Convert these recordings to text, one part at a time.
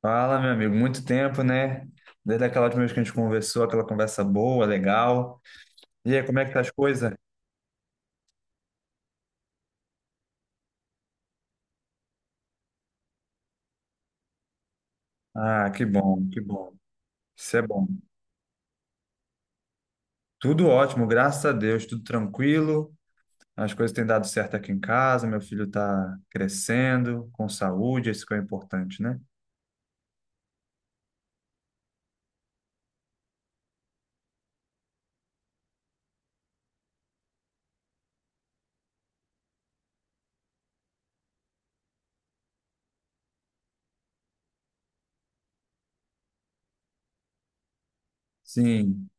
Fala, meu amigo, muito tempo, né? Desde aquela última vez que a gente conversou, aquela conversa boa, legal. E aí, como é que tá as coisas? Ah, que bom, que bom. Isso é bom. Tudo ótimo, graças a Deus, tudo tranquilo. As coisas têm dado certo aqui em casa, meu filho tá crescendo, com saúde, isso que é importante, né? Sim.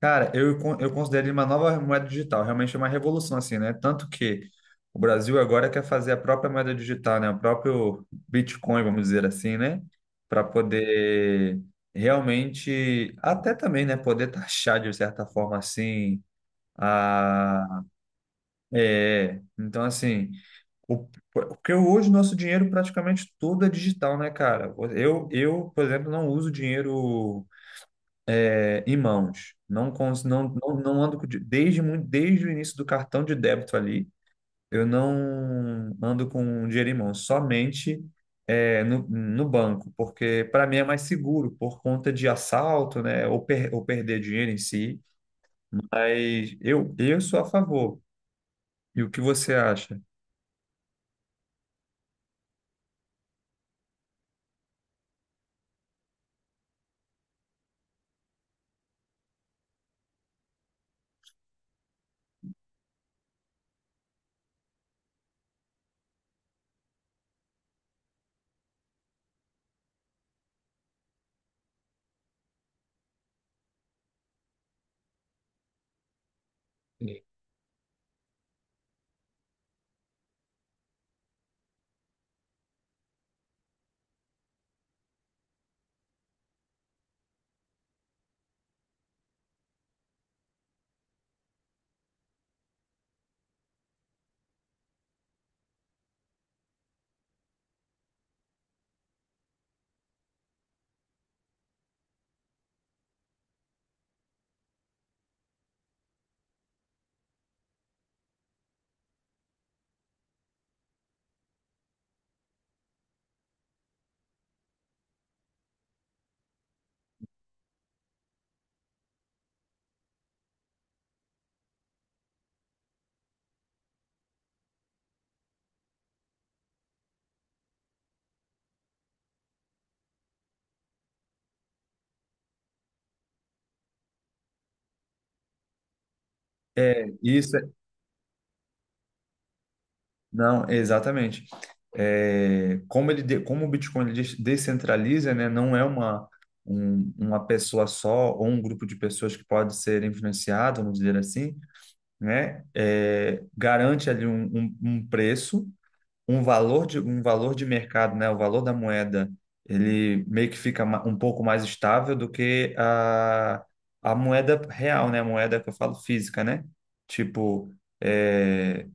Cara, eu considero ele uma nova moeda digital, realmente é uma revolução, assim, né? Tanto que o Brasil agora quer fazer a própria moeda digital, né? O próprio Bitcoin, vamos dizer assim, né? Para poder realmente, até também, né? Poder taxar de certa forma, assim, a. É. Então, assim, porque hoje nosso dinheiro praticamente tudo é digital, né, cara? Eu, por exemplo, não uso dinheiro em mãos. Não, não, não ando desde, muito, desde o início do cartão de débito ali, eu não ando com um dinheiro em mãos, somente no, no banco, porque para mim é mais seguro por conta de assalto, né, ou, per, ou perder dinheiro em si. Mas eu sou a favor. E o que você acha? É, isso, é. Não, exatamente. É, como ele, como o Bitcoin ele descentraliza, né, não é uma, uma pessoa só ou um grupo de pessoas que pode ser influenciado, vamos dizer assim, né, é, garante ali um, um, um preço, um valor de mercado, né, o valor da moeda, ele meio que fica um pouco mais estável do que a moeda real, né, a moeda que eu falo física, né? Tipo, é,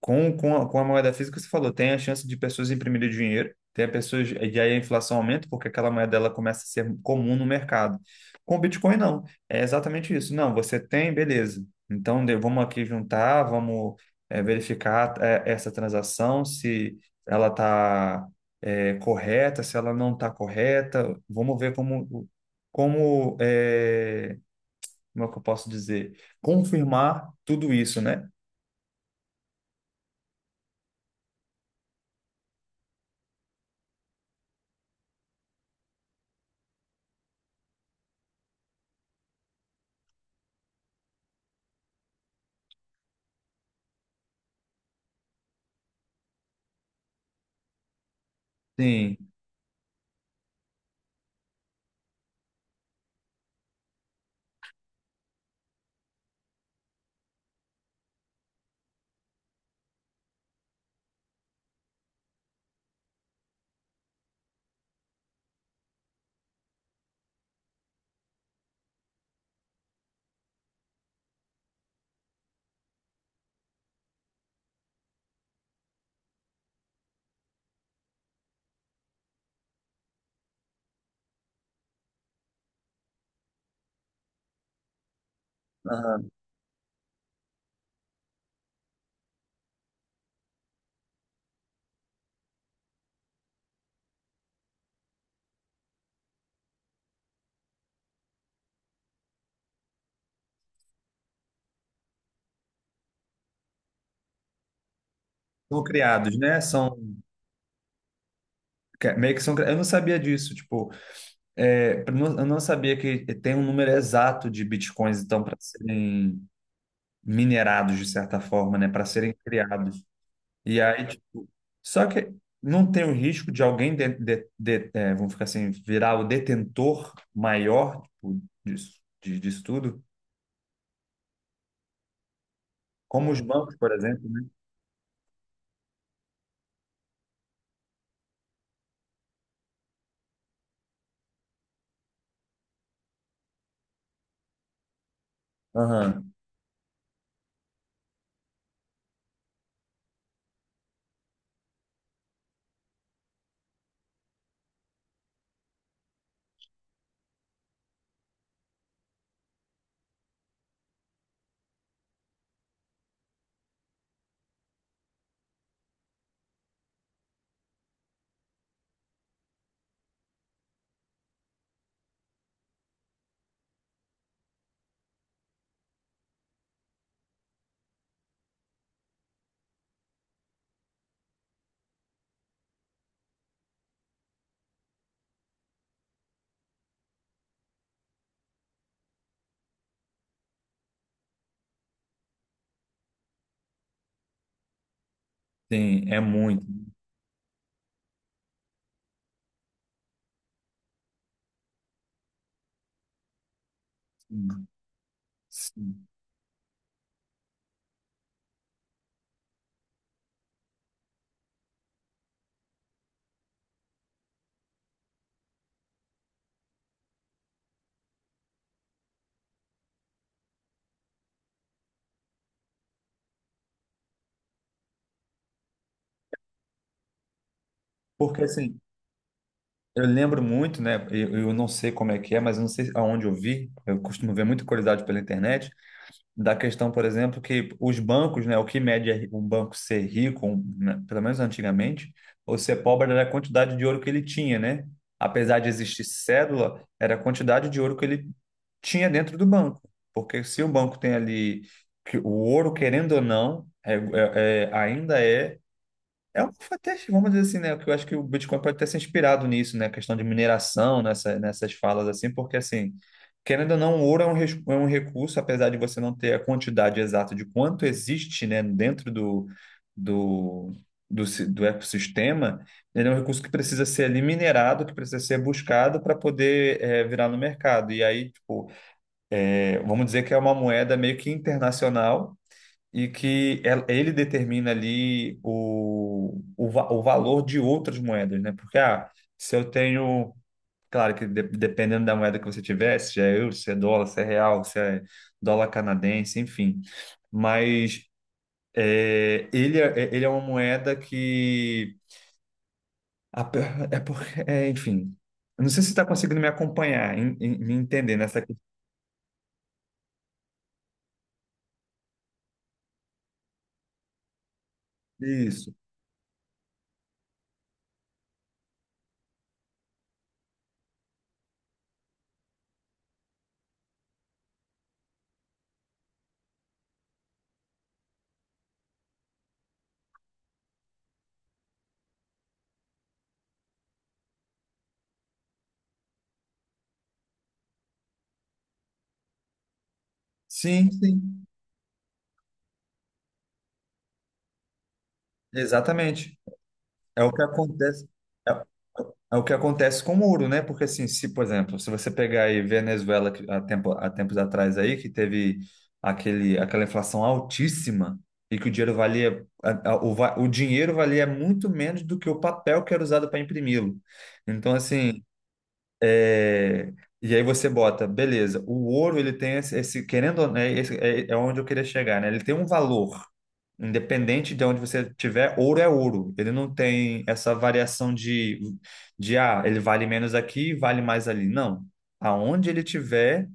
com a moeda física, você falou, tem a chance de pessoas imprimirem dinheiro, tem a pessoas, e aí a inflação aumenta porque aquela moeda ela começa a ser comum no mercado. Com o Bitcoin, não. É exatamente isso. Não, você tem, beleza. Então, vamos aqui juntar, vamos verificar essa transação, se ela está correta, se ela não está correta. Vamos ver como, como, é, como é que eu posso dizer? Confirmar tudo isso, né? Sim. São criados, né? São meio que são. Cri- Eu não sabia disso, tipo, eu não sabia que tem um número exato de bitcoins, então, para serem minerados de certa forma, né? Para serem criados. E aí, tipo, só que não tem o risco de alguém é, vamos ficar assim, virar o detentor maior, tipo, disso, disso tudo, como os bancos, por exemplo, né? Aham. Sim, é muito. Sim. Sim. Porque assim, eu lembro muito, né? Eu não sei como é que é, mas eu não sei aonde eu vi. Eu costumo ver muita curiosidade pela internet da questão, por exemplo, que os bancos, né? O que mede é um banco ser rico, um, né, pelo menos antigamente, ou ser pobre era a quantidade de ouro que ele tinha, né? Apesar de existir cédula, era a quantidade de ouro que ele tinha dentro do banco. Porque se o banco tem ali que o ouro, querendo ou não, ainda é é um, até, vamos dizer assim, né? Que eu acho que o Bitcoin pode ter se inspirado nisso, né? A questão de mineração, nessa, nessas falas, assim, porque, assim, querendo ou não, o ouro é um, é um recurso, apesar de você não ter a quantidade exata de quanto existe, né, dentro do, do, do ecossistema, ele é um recurso que precisa ser ali minerado, que precisa ser buscado para poder, eh, virar no mercado. E aí, tipo, eh, vamos dizer que é uma moeda meio que internacional e que ele determina ali o, o valor de outras moedas, né? Porque ah, se eu tenho, claro que dependendo da moeda que você tiver, se é euro, se é dólar, se é real, se é dólar canadense, enfim. Mas é, ele é uma moeda que a pe- é porque, é, enfim, eu não sei se você está conseguindo me acompanhar, me entender nessa questão. Isso. Sim, sim, exatamente. É o que acontece. É o que acontece com o muro, né? Porque assim, se, por exemplo, se você pegar aí Venezuela que há tempo, há tempos atrás aí, que teve aquele, aquela inflação altíssima e que o dinheiro valia, o, o dinheiro valia muito menos do que o papel que era usado para imprimi-lo. Então, assim, é, e aí você bota, beleza, o ouro ele tem esse, querendo ou não, é onde eu queria chegar, né? Ele tem um valor, independente de onde você tiver, ouro é ouro. Ele não tem essa variação de ah, ele vale menos aqui, vale mais ali. Não. Aonde ele tiver,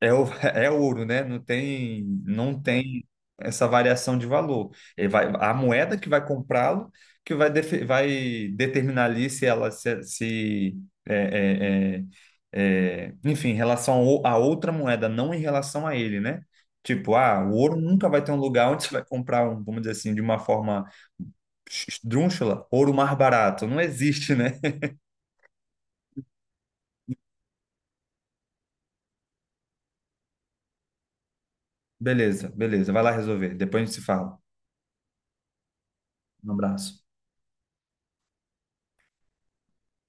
é, é ouro, né? Não tem, não tem essa variação de valor. Ele vai, a moeda que vai comprá-lo, que vai, vai determinar ali se ela se, é, é, é, é, enfim, em relação a outra moeda, não em relação a ele, né? Tipo, ah, o ouro nunca vai ter um lugar onde você vai comprar, um, vamos dizer assim, de uma forma esdrúxula, ouro mais barato. Não existe, né? Beleza, beleza. Vai lá resolver. Depois a gente se fala. Um abraço.